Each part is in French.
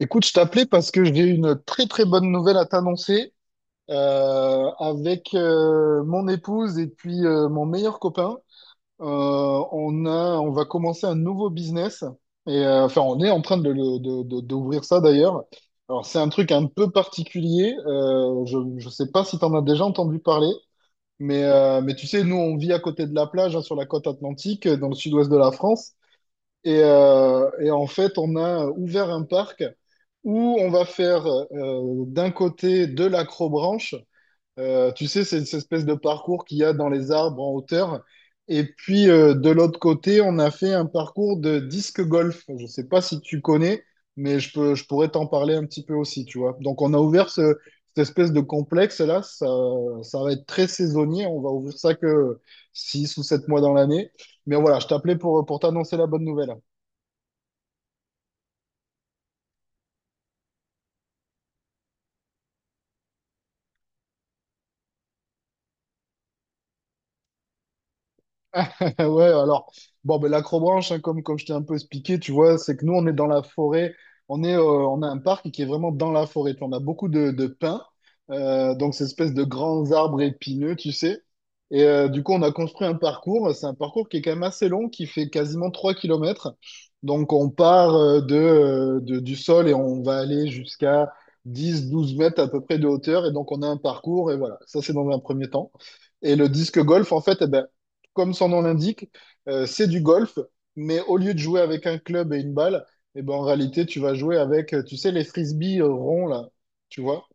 Écoute, je t'appelais parce que j'ai une très très bonne nouvelle à t'annoncer. Avec mon épouse et puis mon meilleur copain. On va commencer un nouveau business et enfin on est en train de, le- de- d'ouvrir ça d'ailleurs. Alors c'est un truc un peu particulier. Je sais pas si t'en as déjà entendu parler, mais tu sais, nous on vit à côté de la plage, hein, sur la côte atlantique, dans le sud-ouest de la France. Et en fait, on a ouvert un parc où on va faire d'un côté de l'acrobranche. Tu sais, c'est cette espèce de parcours qu'il y a dans les arbres en hauteur. Et puis de l'autre côté, on a fait un parcours de disque golf. Je ne sais pas si tu connais, mais je pourrais t'en parler un petit peu aussi, tu vois. Donc on a ouvert cette espèce de complexe-là. Ça va être très saisonnier. On va ouvrir ça que 6 ou 7 mois dans l'année. Mais voilà, je t'appelais pour t'annoncer la bonne nouvelle. Ouais, alors, bon, ben, l'acrobranche, hein, comme je t'ai un peu expliqué, tu vois, c'est que nous, on est dans la forêt, on a un parc qui est vraiment dans la forêt. Tu vois, on a beaucoup de pins, donc ces espèces de grands arbres épineux, tu sais. Et du coup, on a construit un parcours, c'est un parcours qui est quand même assez long, qui fait quasiment 3 kilomètres. Donc, on part du sol et on va aller jusqu'à dix douze mètres à peu près de hauteur. Et donc, on a un parcours, et voilà, ça, c'est dans un premier temps. Et le disque golf, en fait, eh ben, comme son nom l'indique, c'est du golf, mais au lieu de jouer avec un club et une balle, eh ben, en réalité, tu vas jouer avec, tu sais, les frisbees ronds, là, tu vois?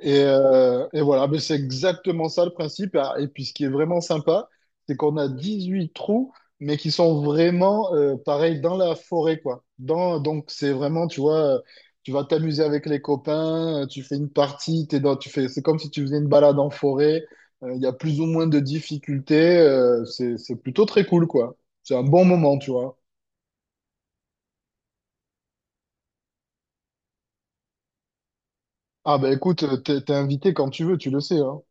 Et voilà, mais c'est exactement ça le principe. Ah, et puis ce qui est vraiment sympa, c'est qu'on a 18 trous, mais qui sont vraiment pareils dans la forêt, quoi. Donc c'est vraiment, tu vois, tu vas t'amuser avec les copains, tu fais une partie, tu fais, c'est comme si tu faisais une balade en forêt. Il y a plus ou moins de difficultés. C'est plutôt très cool, quoi. C'est un bon moment, tu vois. Ah ben écoute, t'es invité quand tu veux, tu le sais, hein.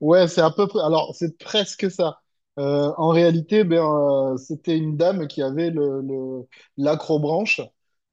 Ouais, c'est à peu près. Alors, c'est presque ça. En réalité, ben, c'était une dame qui avait l'acrobranche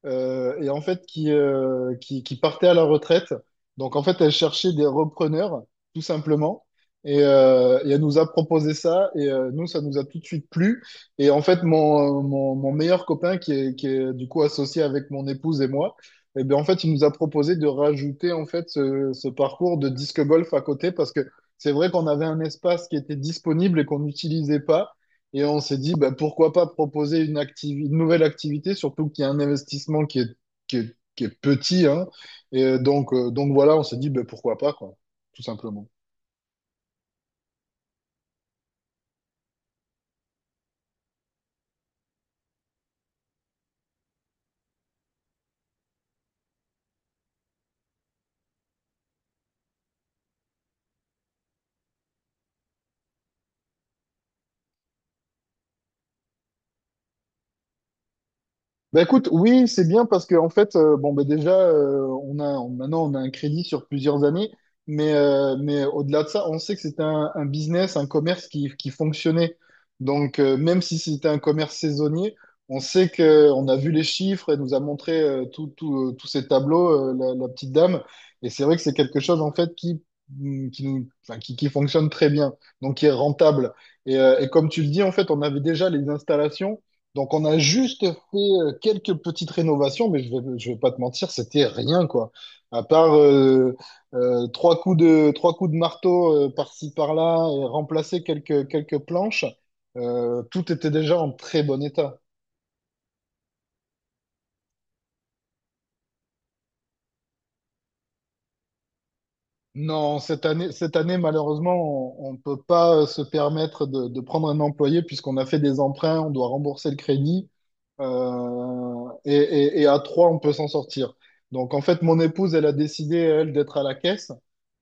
et en fait qui partait à la retraite. Donc, en fait, elle cherchait des repreneurs, tout simplement. Et elle nous a proposé ça. Et nous, ça nous a tout de suite plu. Et en fait, mon meilleur copain, qui est du coup associé avec mon épouse et moi, et ben, en fait, il nous a proposé de rajouter en fait ce parcours de disque golf à côté parce que c'est vrai qu'on avait un espace qui était disponible et qu'on n'utilisait pas. Et on s'est dit, bah, pourquoi pas proposer une nouvelle activité, surtout qu'il y a un investissement qui est petit, hein. Et donc voilà, on s'est dit, bah, pourquoi pas, quoi, tout simplement. Bah écoute, oui, c'est bien parce que en fait, bon bah déjà, maintenant on a un crédit sur plusieurs années, mais au-delà de ça, on sait que c'était un business, un commerce qui fonctionnait. Donc même si c'était un commerce saisonnier, on sait que on a vu les chiffres, elle nous a montré tout tout tous ces tableaux, la petite dame, et c'est vrai que c'est quelque chose en fait qui qui nous qui fonctionne très bien, donc qui est rentable. Et comme tu le dis, en fait, on avait déjà les installations. Donc on a juste fait quelques petites rénovations, mais je vais pas te mentir, c'était rien quoi. À part trois coups de marteau par-ci par-là et remplacer quelques planches, tout était déjà en très bon état. Non, cette année malheureusement, on ne peut pas se permettre de prendre un employé puisqu'on a fait des emprunts, on doit rembourser le crédit. Et à trois, on peut s'en sortir. Donc, en fait, mon épouse, elle a décidé, elle, d'être à la caisse.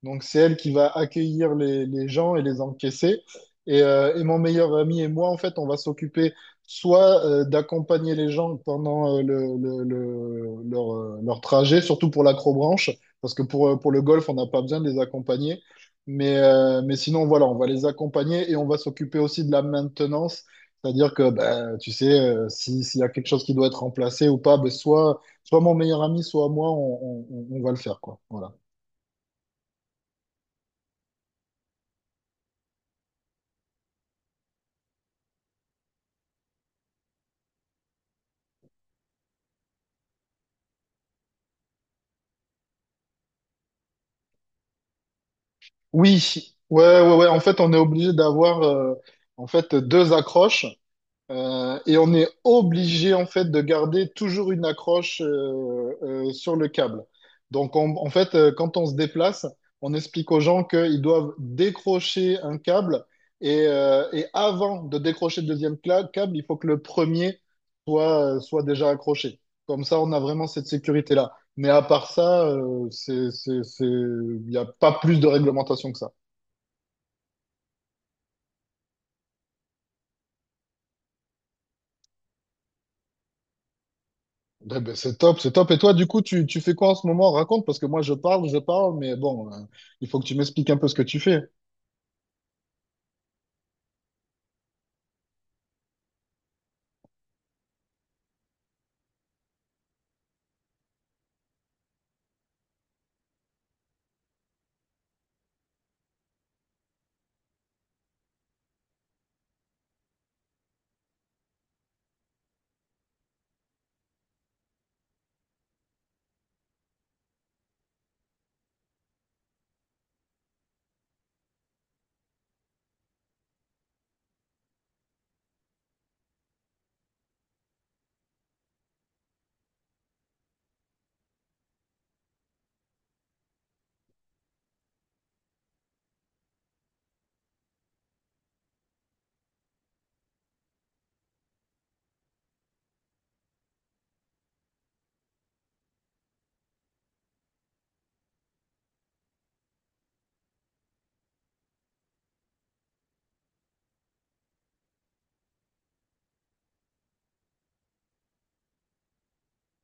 Donc, c'est elle qui va accueillir les gens et les encaisser. Et mon meilleur ami et moi, en fait, on va s'occuper soit d'accompagner les gens pendant leur trajet, surtout pour l'acrobranche, parce que pour le golf, on n'a pas besoin de les accompagner. Mais sinon, voilà, on va les accompagner et on va s'occuper aussi de la maintenance, c'est-à-dire que, ben, tu sais, si, s'il y a quelque chose qui doit être remplacé ou pas, ben, soit mon meilleur ami, soit moi, on va le faire, quoi. Voilà. Oui, ouais. En fait, on est obligé d'avoir, en fait, deux accroches. Et on est obligé en fait de garder toujours une accroche sur le câble. En fait, quand on se déplace, on explique aux gens qu'ils doivent décrocher un câble et avant de décrocher le câble, il faut que le premier soit déjà accroché. Comme ça, on a vraiment cette sécurité-là. Mais à part ça, il n'y a pas plus de réglementation que ça. Ben, ben, c'est top, c'est top. Et toi, du coup, tu fais quoi en ce moment? Raconte, parce que moi, je parle, mais bon, il faut que tu m'expliques un peu ce que tu fais.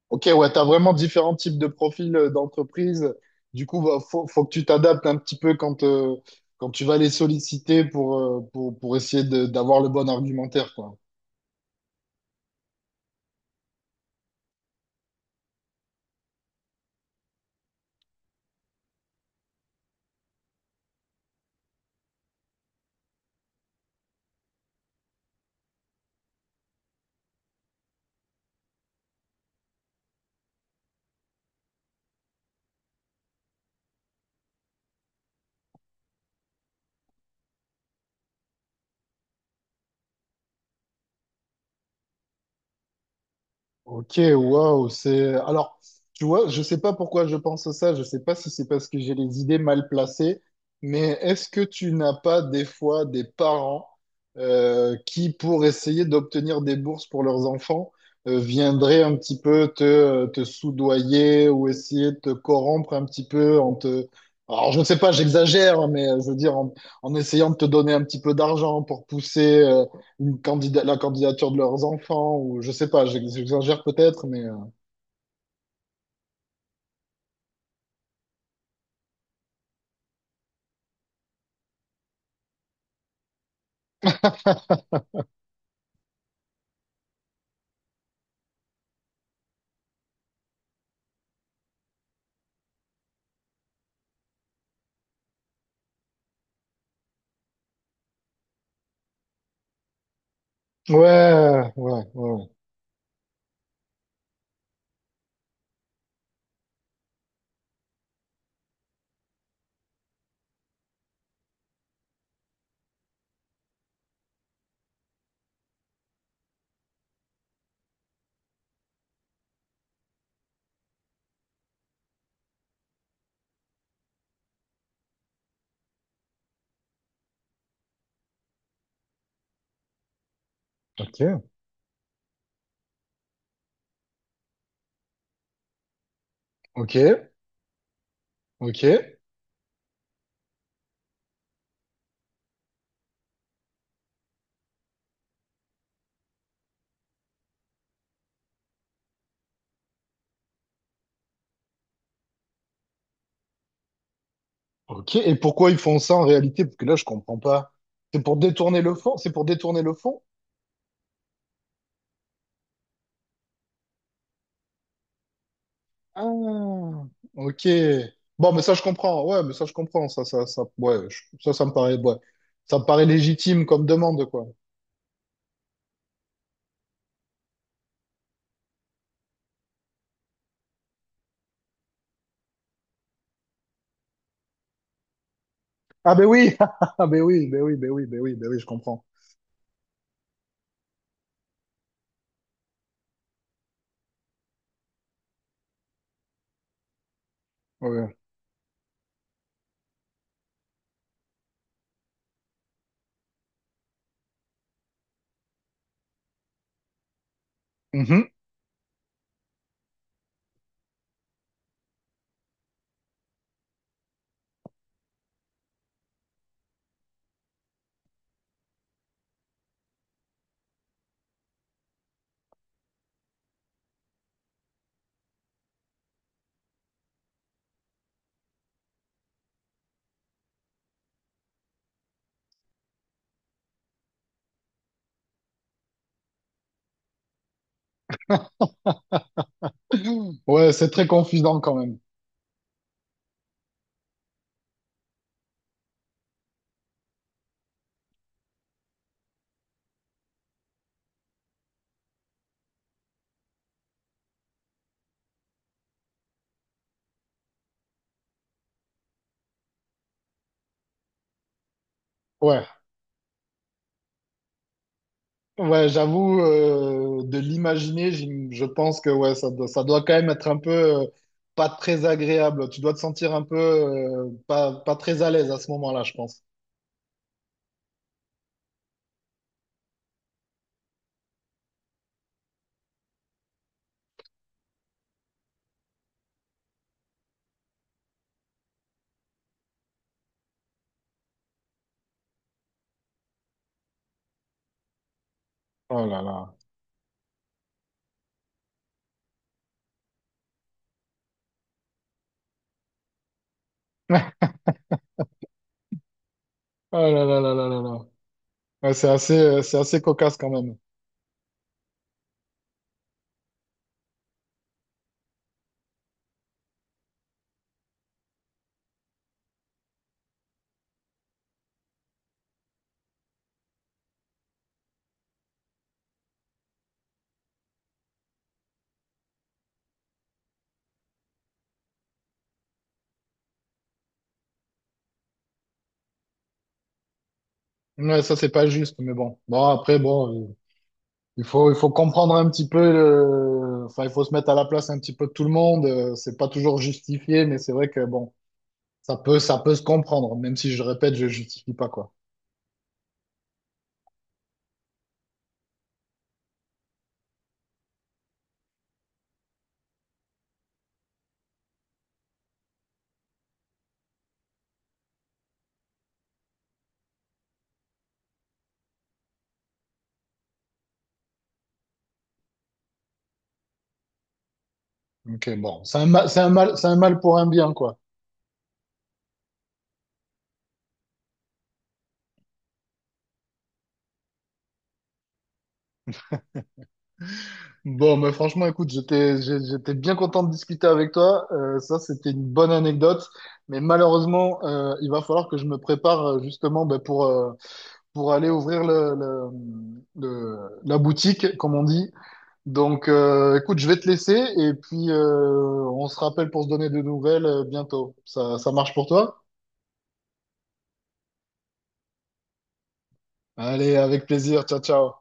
Ok, ouais, tu as vraiment différents types de profils d'entreprise. Du coup, faut que tu t'adaptes un petit peu quand tu vas les solliciter pour essayer d'avoir le bon argumentaire, quoi. Ok, waouh, c'est... Alors, tu vois, je sais pas pourquoi je pense à ça, je sais pas si c'est parce que j'ai les idées mal placées, mais est-ce que tu n'as pas des fois des parents qui, pour essayer d'obtenir des bourses pour leurs enfants, viendraient un petit peu te soudoyer ou essayer de te corrompre un petit peu en te... Alors, je ne sais pas, j'exagère, mais je veux dire, en essayant de te donner un petit peu d'argent pour pousser... la candidature de leurs enfants, ou je sais pas, j'exagère peut-être, mais... ouais. Ok, ok, ok, ok. Et pourquoi ils font ça en réalité? Parce que là, je comprends pas. C'est pour détourner le fond? C'est pour détourner le fond? Ah, ok. Bon, mais ça, je comprends. Ouais, mais ça, je comprends. Ouais, ça, ça me paraît, ouais. Ça me paraît légitime comme demande, quoi. Ah, ben oui! Ah, ben oui, je comprends. Ouais. Mhm. Ouais, c'est très confusant quand même. Ouais. Ouais, j'avoue, de l'imaginer, je pense que ouais, ça doit quand même être un peu pas très agréable. Tu dois te sentir un peu pas très à l'aise à ce moment-là, je pense. Oh là là. Oh là là là là là là. Ouais, c'est assez cocasse quand même. Ouais, ça, c'est pas juste, mais bon. Bon, après, bon, il faut comprendre un petit peu le... Enfin, il faut se mettre à la place un petit peu de tout le monde. C'est pas toujours justifié, mais c'est vrai que, bon. Ça peut se comprendre, même si je répète, je justifie pas, quoi. Ok, bon, c'est un mal pour un bien, quoi. Bon, mais franchement, écoute, j'étais bien content de discuter avec toi. Ça, c'était une bonne anecdote, mais malheureusement, il va falloir que je me prépare justement ben, pour aller ouvrir le- la boutique, comme on dit. Donc, écoute, je vais te laisser et puis on se rappelle pour se donner de nouvelles bientôt. Ça marche pour toi? Allez, avec plaisir. Ciao, ciao.